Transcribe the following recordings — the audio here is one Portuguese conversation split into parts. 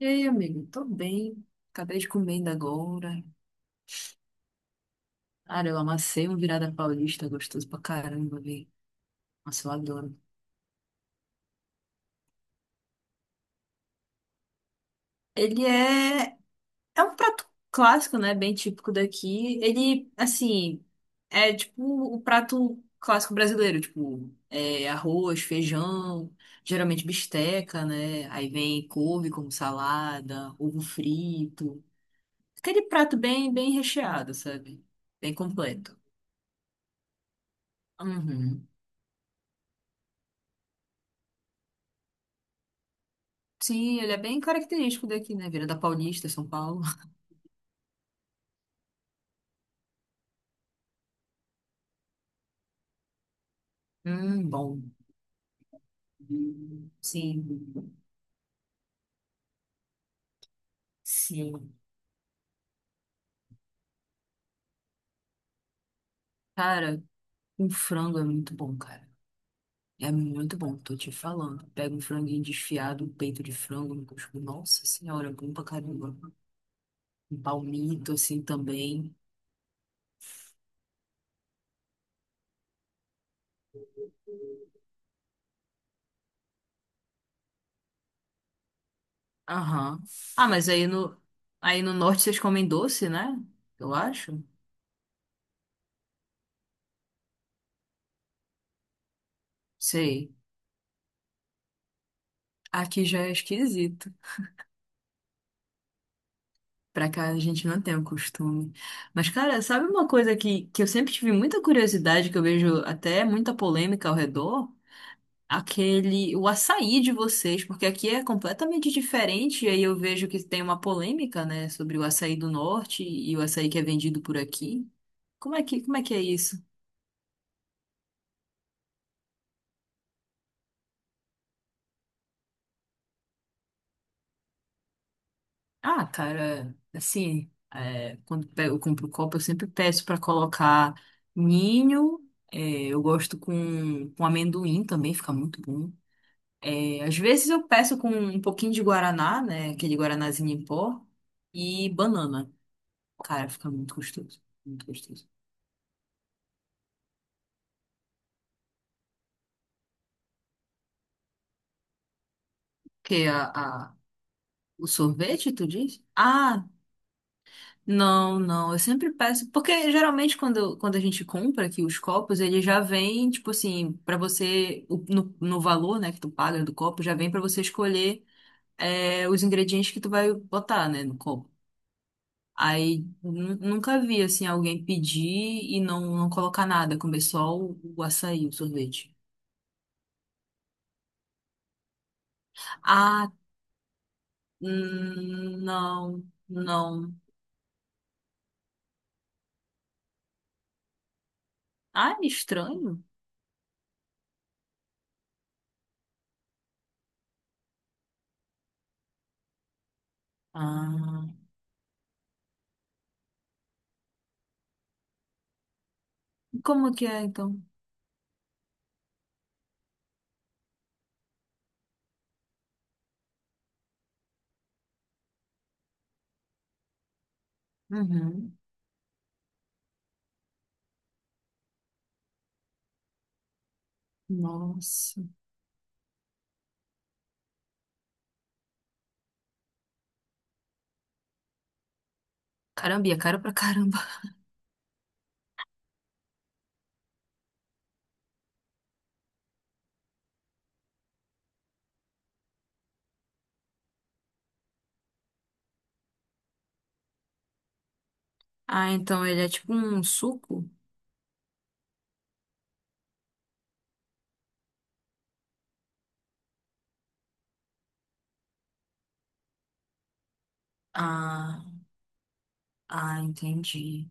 Ei, amigo, tô bem. Acabei de comer ainda agora. Cara, eu amassei um virada paulista, gostoso pra caramba, velho. Nossa, eu adoro. Ele é... É um prato clássico, né? Bem típico daqui. Ele, assim, é tipo o prato clássico brasileiro. Tipo, é arroz, feijão, geralmente bisteca, né? Aí vem couve como salada, ovo frito. Aquele prato bem recheado, sabe? Bem completo. Uhum. Sim, ele é bem característico daqui, né? Vira da Paulista, São Paulo. Bom. Sim, sim. Cara, um frango é muito bom, cara. É muito bom, tô te falando. Pega um franguinho desfiado, um peito de frango, um cuscuz. Nossa senhora, é bom pra caramba. Um palmito, assim, também. Aham. Ah, mas aí no norte vocês comem doce, né? Eu acho. Sei. Aqui já é esquisito. Pra cá a gente não tem o costume. Mas, cara, sabe uma coisa que eu sempre tive muita curiosidade, que eu vejo até muita polêmica ao redor? Aquele, o açaí de vocês, porque aqui é completamente diferente, e aí eu vejo que tem uma polêmica, né, sobre o açaí do norte e o açaí que é vendido por aqui. Como é que é isso? Ah, cara, assim, é, quando eu compro copo, eu sempre peço pra colocar ninho, é, eu gosto com amendoim também, fica muito bom. É, às vezes eu peço com um pouquinho de guaraná, né? Aquele guaranazinho em pó e banana. Cara, fica muito gostoso. Muito gostoso. Que a, a- o sorvete, tu diz? Ah, não, não. Eu sempre peço. Porque geralmente quando a gente compra aqui os copos, ele já vem, tipo assim, pra você. No valor, né, que tu paga do copo, já vem pra você escolher. É, os ingredientes que tu vai botar, né, no copo. Aí nunca vi assim alguém pedir e não colocar nada, comer só o açaí, o sorvete. Ah, não, não. Ah, é estranho. Ah, como que é então? Uhum. Nossa. Caramba, e é caro pra caramba. Ah, então ele é tipo um suco? Ah, ah, entendi.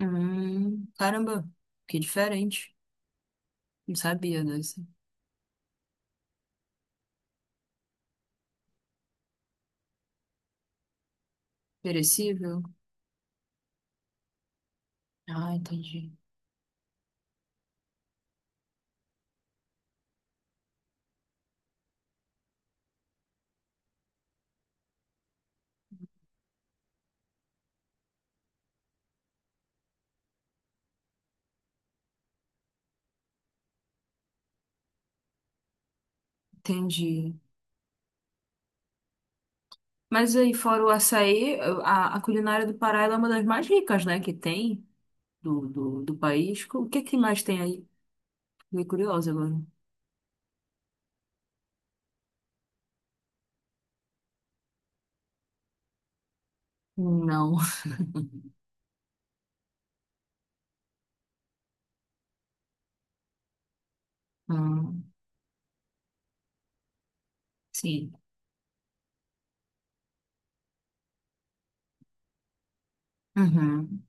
Caramba, que diferente. Não sabia dessa. Perecível? Ah, entendi. Entendi. Mas aí, fora o açaí, a culinária do Pará ela é uma das mais ricas, né, que tem do país. O que é que mais tem aí? Fiquei curiosa agora. Não. Hum, sim. Uhum,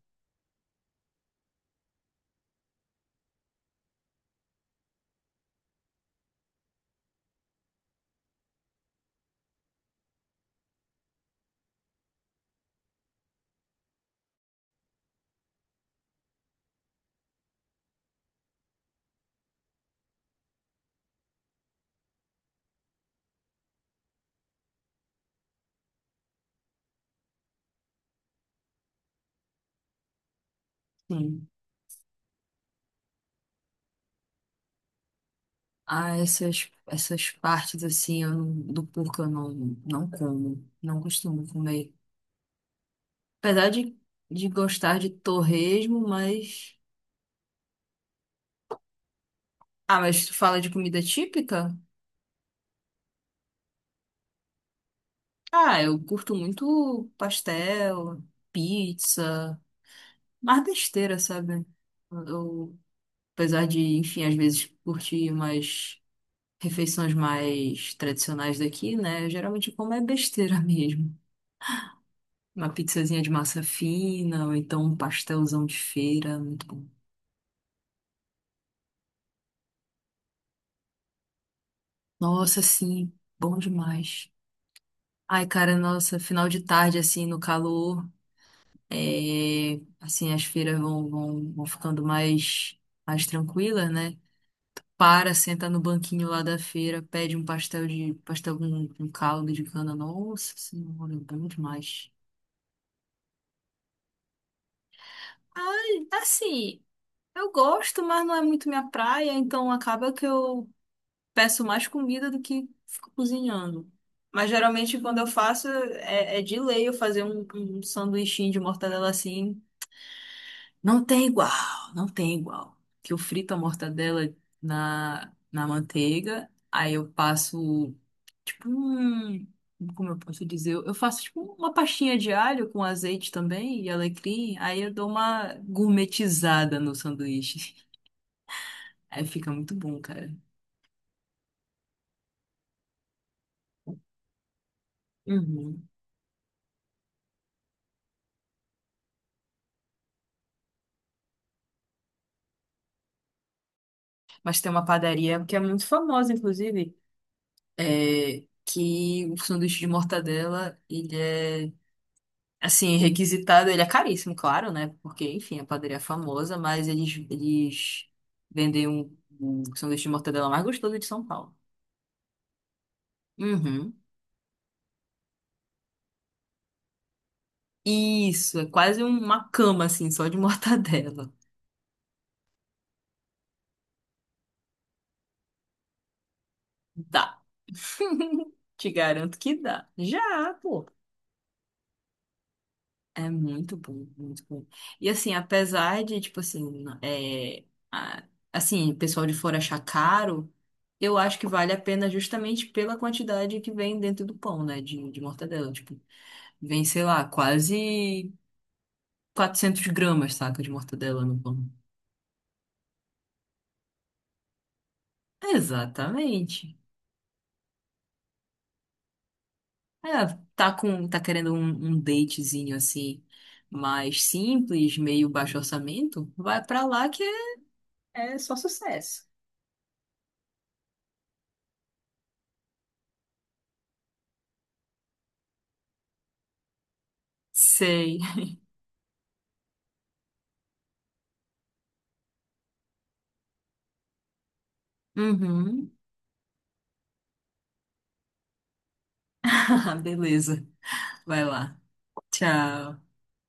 sim. Ah, essas partes, assim, eu não- do porco eu não como. Não costumo comer. Apesar de gostar de torresmo, mas... Ah, mas tu fala de comida típica? Ah, eu curto muito pastel, pizza... mais besteira, sabe? Eu, apesar de, enfim, às vezes curtir umas refeições mais tradicionais daqui, né? Geralmente eu como é besteira mesmo. Uma pizzazinha de massa fina, ou então um pastelzão de feira, muito bom. Nossa, sim, bom demais. Ai, cara, nossa, final de tarde, assim, no calor, é, assim, as feiras vão ficando mais tranquilas, né? Para, senta no banquinho lá da feira, pede um pastel com caldo de cana. Nossa senhora, é bom demais. Ai, assim, eu gosto, mas não é muito minha praia, então acaba que eu peço mais comida do que fico cozinhando. Mas geralmente quando eu faço, é de lei eu fazer um sanduichinho de mortadela assim. Não tem igual, não tem igual. Que eu frito a mortadela na manteiga, aí eu passo. Tipo um, como eu posso dizer, eu faço tipo uma pastinha de alho com azeite também e alecrim, aí eu dou uma gourmetizada no sanduíche. Aí fica muito bom, cara. Uhum. Mas tem uma padaria que é muito famosa, inclusive, é, que o sanduíche de mortadela, ele é, assim, requisitado, ele é caríssimo, claro, né? Porque, enfim, a padaria é famosa, mas eles vendem um sanduíche de mortadela mais gostoso de São Paulo. Uhum. Isso, é quase uma cama, assim, só de mortadela. Dá. Te garanto que dá. Já, pô. É muito bom, muito bom. E assim, apesar de, tipo assim, a- assim, o pessoal de fora achar caro, eu acho que vale a pena justamente pela quantidade que vem dentro do pão, né, de mortadela. Tipo, vem, sei lá, quase 400 gramas, saca, de mortadela no pão. Exatamente. É, tá querendo um, um datezinho assim, mais simples, meio baixo orçamento, vai pra lá que é- É só sucesso. Sei. Uhum. Beleza. Vai lá. Tchau.